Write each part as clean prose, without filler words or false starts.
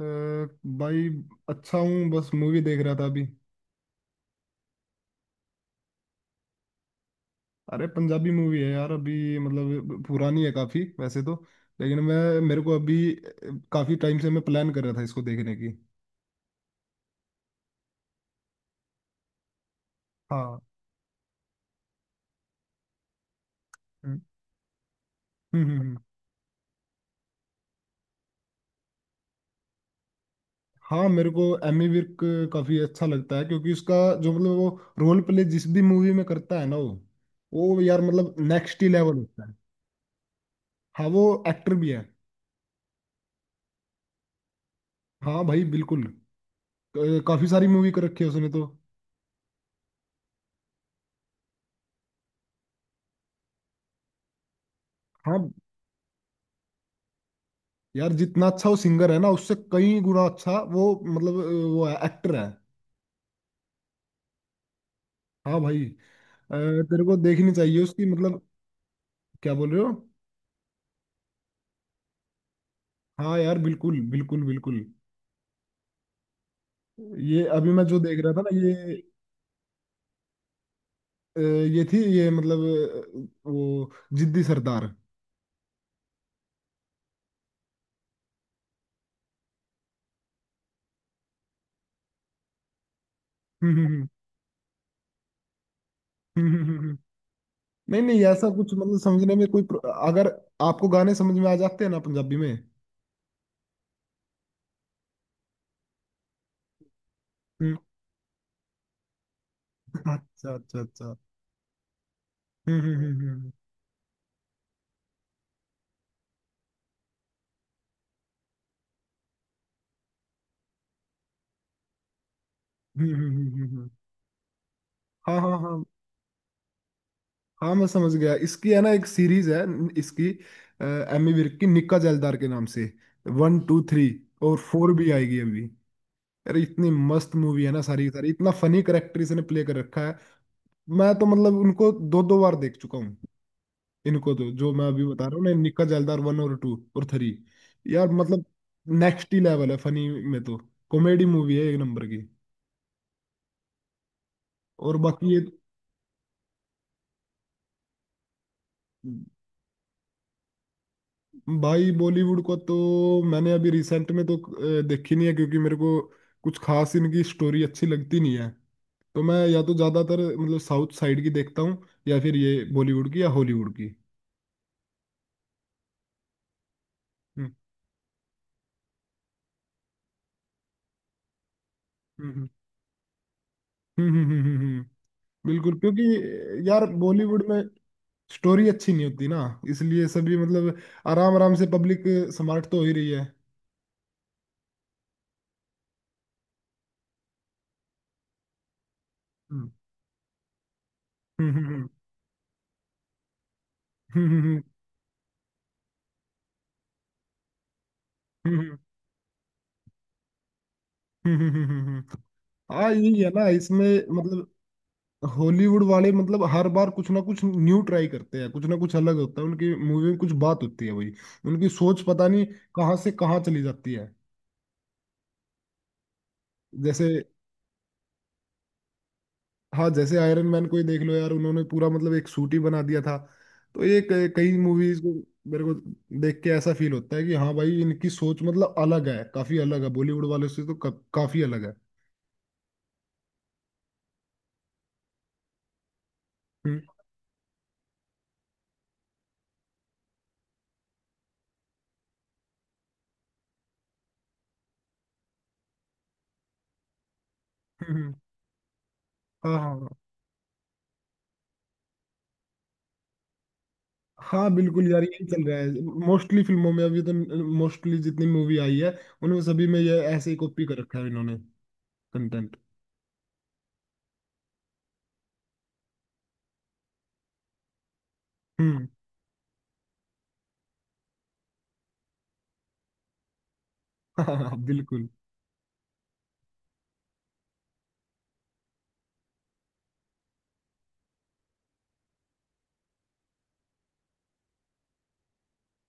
अ, भाई, अच्छा हूँ। बस मूवी देख रहा था अभी। अरे पंजाबी मूवी है यार, अभी मतलब पुरानी है काफी वैसे तो। लेकिन मैं मेरे को अभी काफी टाइम से मैं प्लान कर रहा था इसको देखने की। हाँ। हम्म, हम्म, हम्म, हाँ, मेरे को एमी विर्क काफी अच्छा लगता है क्योंकि उसका जो मतलब वो रोल प्ले जिस भी मूवी में करता है ना, वो यार मतलब नेक्स्ट ही लेवल होता है। हाँ, वो एक्टर भी है। हाँ भाई बिल्कुल। काफी सारी मूवी कर रखी है उसने तो। हाँ यार, जितना अच्छा वो सिंगर है ना, उससे कई गुना अच्छा वो मतलब वो है एक्टर है। हाँ भाई। अ, तेरे को देखनी चाहिए उसकी मतलब। क्या बोल रहे हो। हाँ यार बिल्कुल बिल्कुल बिल्कुल। ये अभी मैं जो देख रहा था ना ये ये थी ये मतलब वो जिद्दी सरदार। हम्म, हम्म, हम्म, नहीं नहीं, ऐसा कुछ मतलब समझने में कोई अगर आपको गाने समझ में आ जाते हैं ना पंजाबी में। हम्म। अच्छा अच्छा अच्छा। हम्म, हम्म, हम्म, हम्म, हम्म, हम्म, हाँ हाँ हाँ। हाँ मैं समझ गया, इसकी है ना? एक सीरीज है इसकी। अ, एमी विर्क की निक्का जैलदार के नाम से 1 2 3। और 4 भी आएगी अभी। अरे इतनी मस्त मूवी है ना, सारी की सारी, इतना फनी करेक्टर इसने प्ले कर रखा है। मैं तो मतलब उनको दो दो बार देख चुका हूँ। इनको तो जो मैं अभी बता रहा हूँ ना, निक्का जैलदार 1 और 2 और 3। यार मतलब नेक्स्ट ही लेवल है फनी में तो। कॉमेडी मूवी है एक नंबर की। और बाकी ये। भाई बॉलीवुड को तो मैंने अभी रिसेंट में तो देखी नहीं है, क्योंकि मेरे को कुछ खास इनकी स्टोरी अच्छी लगती नहीं है। तो मैं या तो ज्यादातर मतलब साउथ साइड की देखता हूँ, या फिर ये बॉलीवुड की या हॉलीवुड की। हम्म, हम्म, हम्म, हम्म, बिल्कुल क्योंकि यार बॉलीवुड में स्टोरी अच्छी नहीं होती ना, इसलिए सभी मतलब आराम आराम से पब्लिक स्मार्ट तो हो ही रही है। हम्म, हम्म, हम्म, हम्म, हम्म, हम्म, हम्म, हम्म। हाँ यही है ना इसमें मतलब। हॉलीवुड वाले मतलब हर बार कुछ ना कुछ न्यू ट्राई करते हैं, कुछ ना कुछ अलग होता है उनकी मूवी में, कुछ बात होती है भाई। उनकी सोच पता नहीं कहाँ से कहाँ चली जाती है। जैसे। हाँ जैसे आयरन मैन को ही देख लो यार, उन्होंने पूरा मतलब एक सूट ही बना दिया था। तो ये कई मूवीज को, मेरे को देख के ऐसा फील होता है कि हाँ भाई, इनकी सोच मतलब अलग है, काफी अलग है बॉलीवुड वालों से, तो काफी अलग है। हम्म, हम्म। हाँ हाँ हाँ। हाँ बिल्कुल यार, यही चल रहा है। मोस्टली फिल्मों में अभी तो, मोस्टली जितनी मूवी आई है उनमें सभी में ये ऐसे ही कॉपी कर रखा है इन्होंने कंटेंट। हम्म। हाँ बिल्कुल।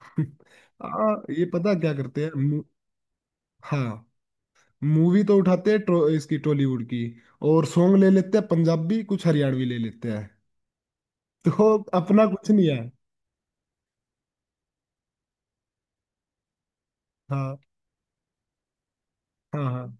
हाँ, ये पता क्या करते हैं हाँ, मूवी तो उठाते हैं इसकी टॉलीवुड की। और सॉन्ग ले लेते हैं पंजाबी, कुछ हरियाणवी ले लेते हैं। तो अपना कुछ नहीं है। हाँ हाँ हाँ,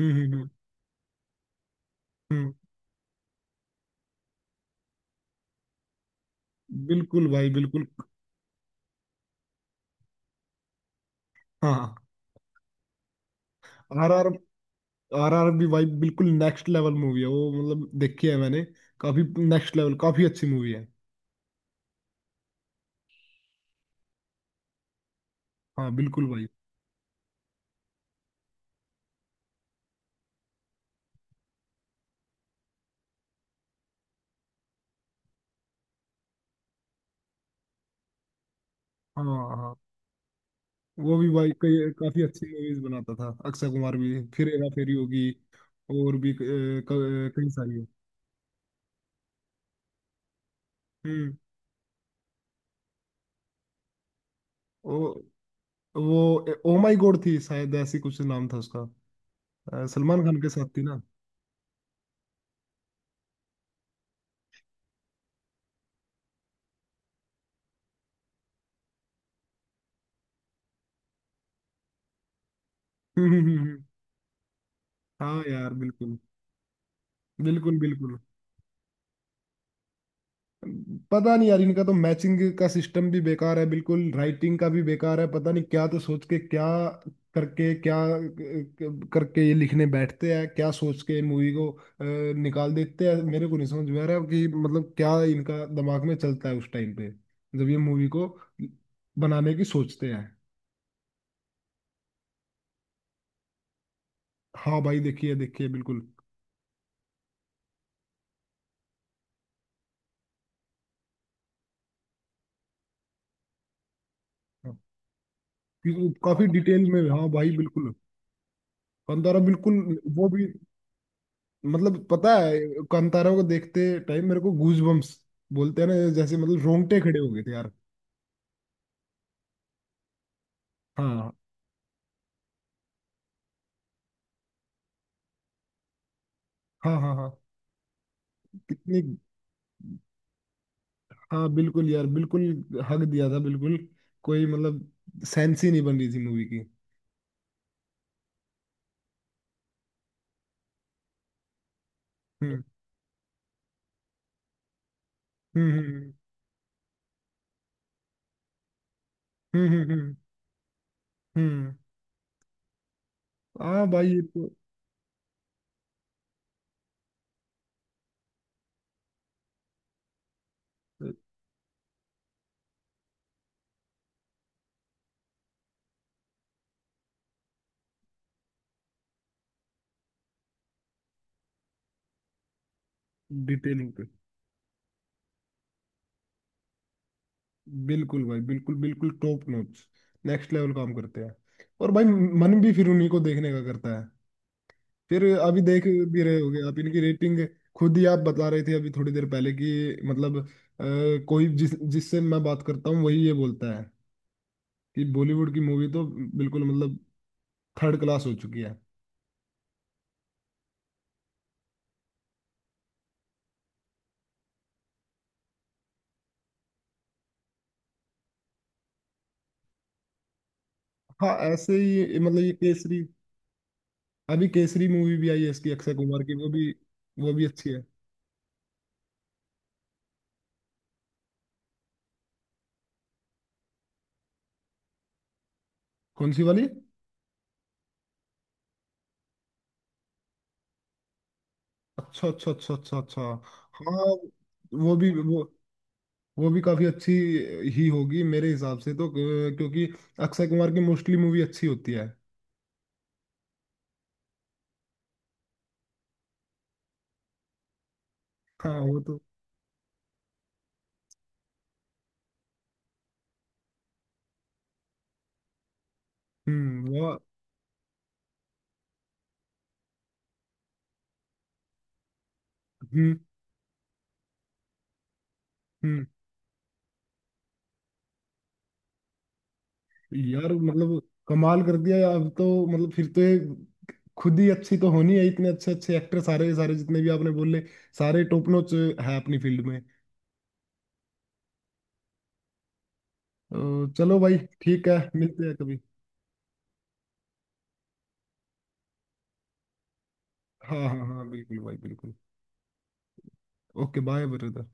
हम्म, हम्म, हम्म, हम्म। बिल्कुल भाई बिल्कुल। हाँ। RRR आर बी भाई, बिल्कुल नेक्स्ट लेवल मूवी है वो, मतलब देखी है मैंने काफी। नेक्स्ट लेवल काफी अच्छी मूवी है। हाँ बिल्कुल भाई। हाँ हाँ, वो भी भाई कई काफी अच्छी मूवीज बनाता था अक्षय कुमार भी, फिर हेरा फेरी होगी। और भी कई सारी है। हम्म, वो वो ओ माई गॉड थी शायद, ऐसी कुछ नाम था उसका। सलमान खान के साथ थी ना। हम्म, हाँ यार बिल्कुल बिल्कुल बिल्कुल। पता नहीं यार, इनका तो मैचिंग का सिस्टम भी बेकार है बिल्कुल, राइटिंग का भी बेकार है। पता नहीं, क्या तो सोच के, क्या करके क्या करके ये लिखने बैठते हैं, क्या सोच के मूवी को निकाल देते हैं। मेरे को नहीं समझ में आ रहा कि मतलब क्या इनका दिमाग में चलता है उस टाइम पे जब ये मूवी को बनाने की सोचते हैं। हाँ भाई देखिए देखिए बिल्कुल। हाँ, क्योंकि काफी डिटेल में, हाँ भाई बिल्कुल। कंतारा बिल्कुल। वो भी मतलब पता है कांतारा को देखते टाइम मेरे को गूज बम्स बोलते हैं ना, जैसे मतलब रोंगटे खड़े हो गए थे यार। हाँ। हाँ हाँ हाँ। कितनी। हाँ बिल्कुल यार बिल्कुल, हक दिया था बिल्कुल, कोई मतलब सेंस ही नहीं बन रही थी मूवी की। हम्म, हम्म, हम्म, हम्म, हम्म, हम्म। हाँ भाई ये तो। डिटेलिंग पे। बिल्कुल भाई बिल्कुल बिल्कुल टॉप नॉच, नेक्स्ट लेवल काम करते हैं। और भाई मन भी फिर उन्हीं को देखने का करता है। फिर अभी देख भी रहे होगे आप, इनकी रेटिंग खुद ही आप बता रहे थे अभी थोड़ी देर पहले कि मतलब कोई जिस जिससे मैं बात करता हूँ वही ये बोलता है कि बॉलीवुड की मूवी तो बिल्कुल मतलब थर्ड क्लास हो चुकी है। हाँ ऐसे ही मतलब ये केसरी। अभी केसरी मूवी भी आई है इसकी अक्षय कुमार की, वो भी। वो भी अच्छी है। कौन सी वाली? अच्छा अच्छा अच्छा अच्छा अच्छा। हाँ वो भी वो भी काफी अच्छी ही होगी मेरे हिसाब से तो, क्योंकि अक्षय कुमार की मोस्टली मूवी अच्छी होती है। हाँ वो तो। वो। हम्म, हम्म, यार मतलब कमाल कर दिया यार। अब तो मतलब फिर तो ये खुद ही अच्छी तो होनी है, इतने अच्छे अच्छे एक्टर, सारे सारे जितने भी आपने बोले, सारे टॉप नॉच है अपनी फील्ड में। तो चलो भाई ठीक है, मिलते हैं कभी। हाँ हाँ हाँ बिल्कुल भाई बिल्कुल। Okay, bye brother.